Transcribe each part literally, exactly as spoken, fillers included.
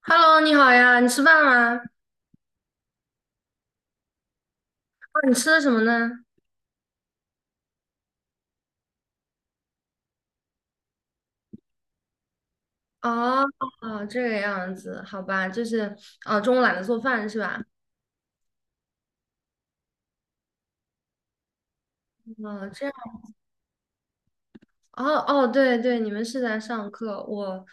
Hello，你好呀，你吃饭吗？哦，你吃的什么呢？哦，哦，这个样子，好吧，就是哦，中午懒得做饭是吧？哦，这样，哦哦，对对，你们是在上课，我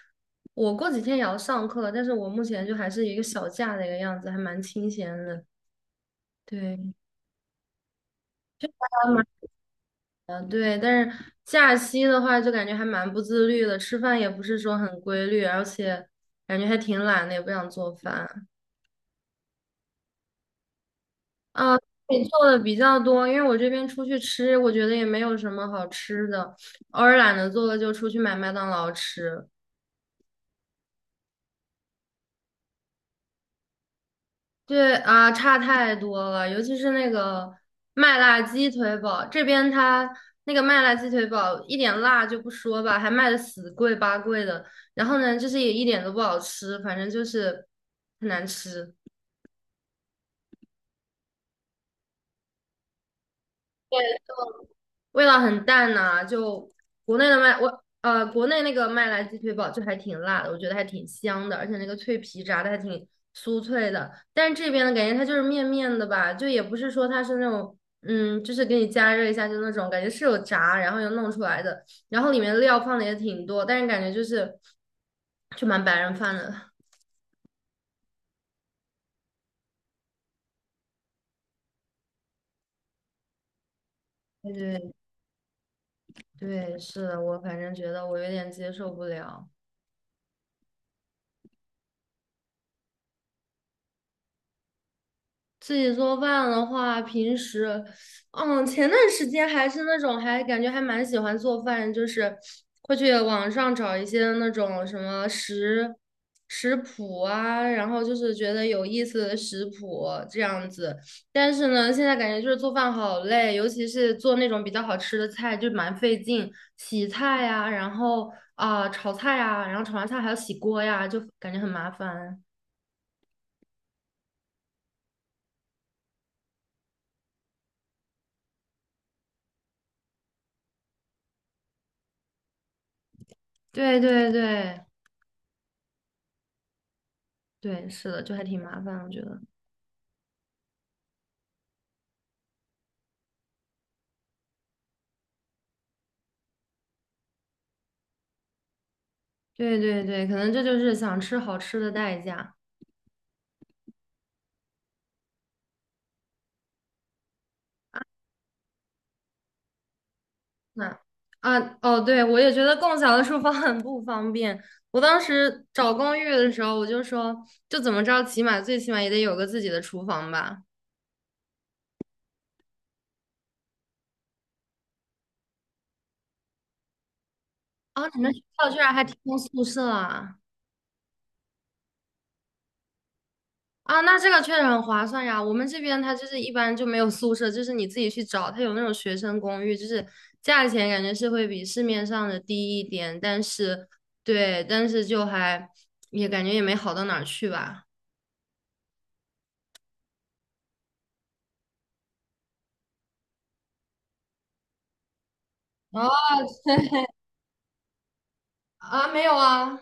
我过几天也要上课，但是我目前就还是一个小假的一个样子，还蛮清闲的，对，还蛮呃对，但是假期的话就感觉还蛮不自律的，吃饭也不是说很规律，而且感觉还挺懒的，也不想做饭。啊，你做的比较多，因为我这边出去吃，我觉得也没有什么好吃的，偶尔懒得做了就出去买麦当劳吃。对啊，差太多了，尤其是那个麦辣鸡腿堡，这边它那个麦辣鸡腿堡一点辣就不说吧，还卖的死贵八贵的，然后呢，就是也一点都不好吃，反正就是很难吃。味道很淡呐、就国内的卖我呃国内那个麦来鸡腿堡就还挺辣的，我觉得还挺香的，而且那个脆皮炸的还挺酥脆的。但是这边的感觉它就是面面的吧，就也不是说它是那种嗯，就是给你加热一下就那种感觉是有炸，然后又弄出来的，然后里面料放的也挺多，但是感觉就是就蛮白人饭的。对对对，是的，我反正觉得我有点接受不了。自己做饭的话，平时，嗯，前段时间还是那种，还感觉还蛮喜欢做饭，就是会去网上找一些那种什么食食谱啊，然后就是觉得有意思的食谱这样子。但是呢，现在感觉就是做饭好累，尤其是做那种比较好吃的菜，就蛮费劲，洗菜呀，然后啊、炒菜呀，然后炒完菜还要洗锅呀，就感觉很麻烦。对对对。对，是的，就还挺麻烦，我觉得。对对对，可能这就是想吃好吃的代价。那啊，哦，对，我也觉得共享的厨房很不方便。我当时找公寓的时候，我就说，就怎么着，起码最起码也得有个自己的厨房吧。哦，你们学校居然还提供宿舍啊？啊，那这个确实很划算呀。我们这边它就是一般就没有宿舍，就是你自己去找，它有那种学生公寓，就是价钱感觉是会比市面上的低一点，但是对，但是就还也感觉也没好到哪儿去吧。啊啊，没有啊。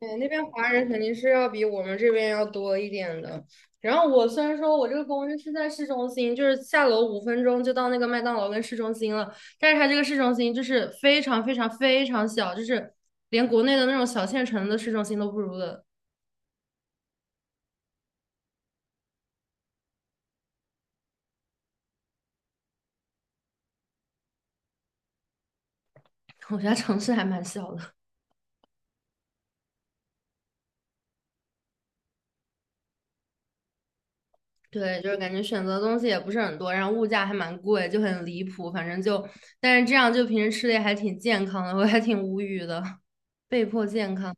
对，那边华人肯定是要比我们这边要多一点的。然后我虽然说我这个公寓是在市中心，就是下楼五分钟就到那个麦当劳跟市中心了，但是它这个市中心就是非常非常非常小，就是连国内的那种小县城的市中心都不如的。我家城市还蛮小的，对，就是感觉选择的东西也不是很多，然后物价还蛮贵，就很离谱。反正就，但是这样就平时吃的也还挺健康的，我还挺无语的，被迫健康。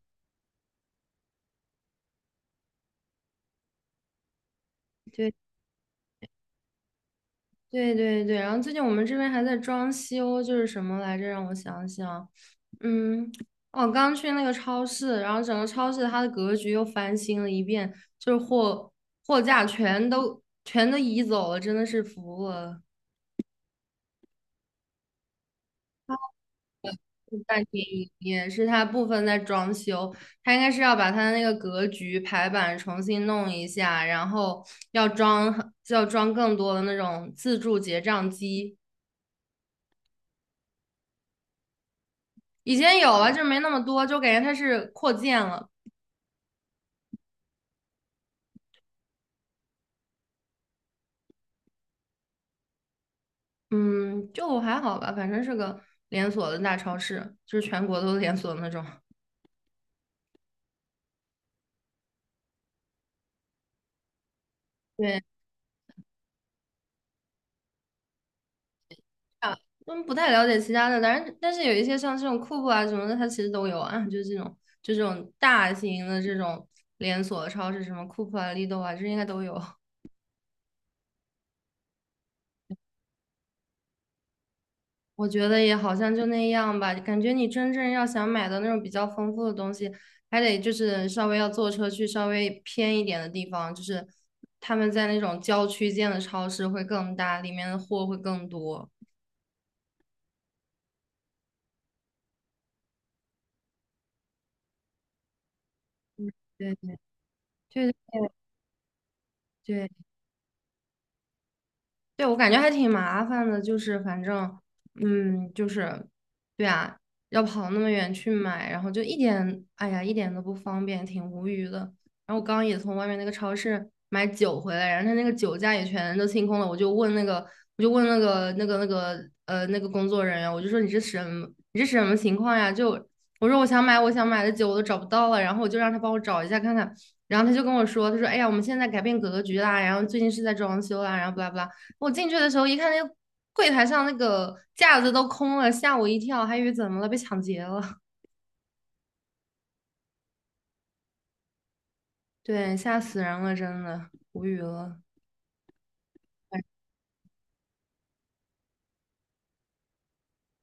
对对对，然后最近我们这边还在装修，就是什么来着？让我想想，嗯，哦，刚去那个超市，然后整个超市它的格局又翻新了一遍，就是货货架全都全都移走了，真的是服了。半天一夜是它部分在装修，它应该是要把它的那个格局排版重新弄一下，然后要装要装更多的那种自助结账机。以前有啊，就是没那么多，就感觉它是扩建了。嗯，就还好吧，反正是个连锁的大超市，就是全国都连锁的那种。对，啊，嗯，不太了解其他的，但是但是有一些像这种库酷啊什么的，它其实都有啊，就是这种就这种大型的这种连锁超市，什么库酷啊、利豆啊，这应该都有。我觉得也好像就那样吧，感觉你真正要想买到那种比较丰富的东西，还得就是稍微要坐车去稍微偏一点的地方，就是他们在那种郊区建的超市会更大，里面的货会更多。对对对，对，我感觉还挺麻烦的，就是反正，嗯，就是，对啊，要跑那么远去买，然后就一点，哎呀，一点都不方便，挺无语的。然后我刚刚也从外面那个超市买酒回来，然后他那个酒架也全都清空了，我就问那个，我就问那个那个那个呃那个工作人员，我就说你这什么你这什么情况呀？就我说我想买我想买的酒我都找不到了，然后我就让他帮我找一下看看，然后他就跟我说，他说哎呀，我们现在改变格局啦，然后最近是在装修啦，然后巴拉巴拉。我进去的时候一看，那个柜台上那个架子都空了，吓我一跳，还以为怎么了，被抢劫了。对，吓死人了，真的无语了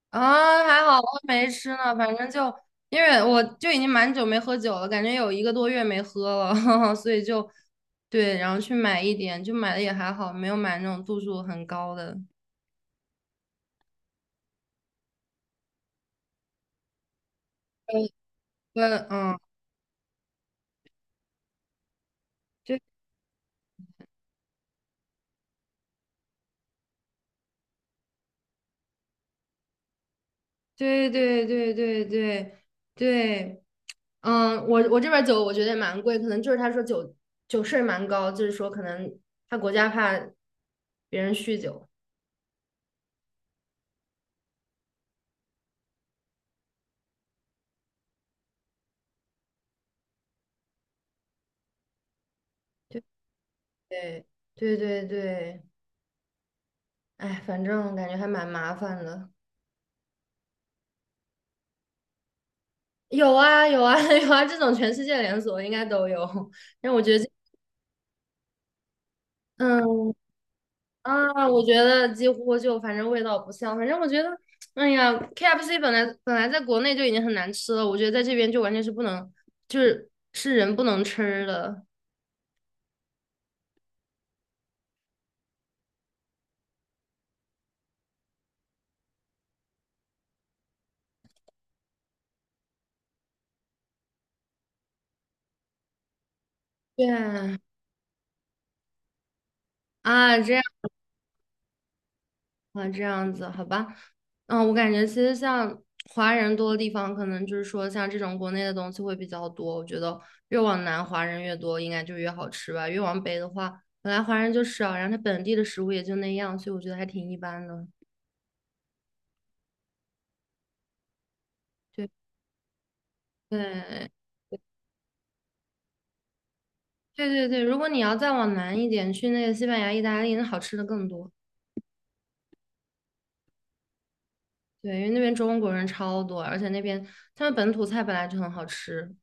啊！还好我没吃呢，反正就因为我就已经蛮久没喝酒了，感觉有一个多月没喝了，所以就对，然后去买一点，就买的也还好，没有买那种度数很高的。对，嗯，对对对对对对对。嗯，我我这边酒我觉得也蛮贵，可能就是他说酒酒税蛮高，就是说可能他国家怕别人酗酒。对对对对对，哎，反正感觉还蛮麻烦的。有啊有啊 有啊，这种全世界连锁应该都有。但我觉得这嗯啊，我觉得几乎就反正味道不像，反正我觉得，哎呀，K F C 本来本来在国内就已经很难吃了，我觉得在这边就完全是不能，就是是人不能吃的。对，啊，这样啊，这样子，好吧。嗯，我感觉其实像华人多的地方，可能就是说像这种国内的东西会比较多。我觉得越往南华人越多，应该就越好吃吧。越往北的话，本来华人就少，然后他本地的食物也就那样，所以我觉得还挺一般的。对对对对对，如果你要再往南一点，去那个西班牙、意大利，那好吃的更多。对，因为那边中国人超多，而且那边他们本土菜本来就很好吃，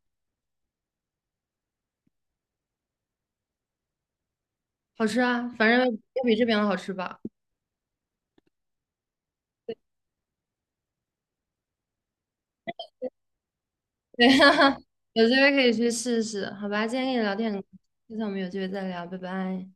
好吃啊，反正要比这边的好吃吧。对，有机会可以去试试，好吧？今天跟你聊天很高兴，下次我们有机会再聊，拜拜。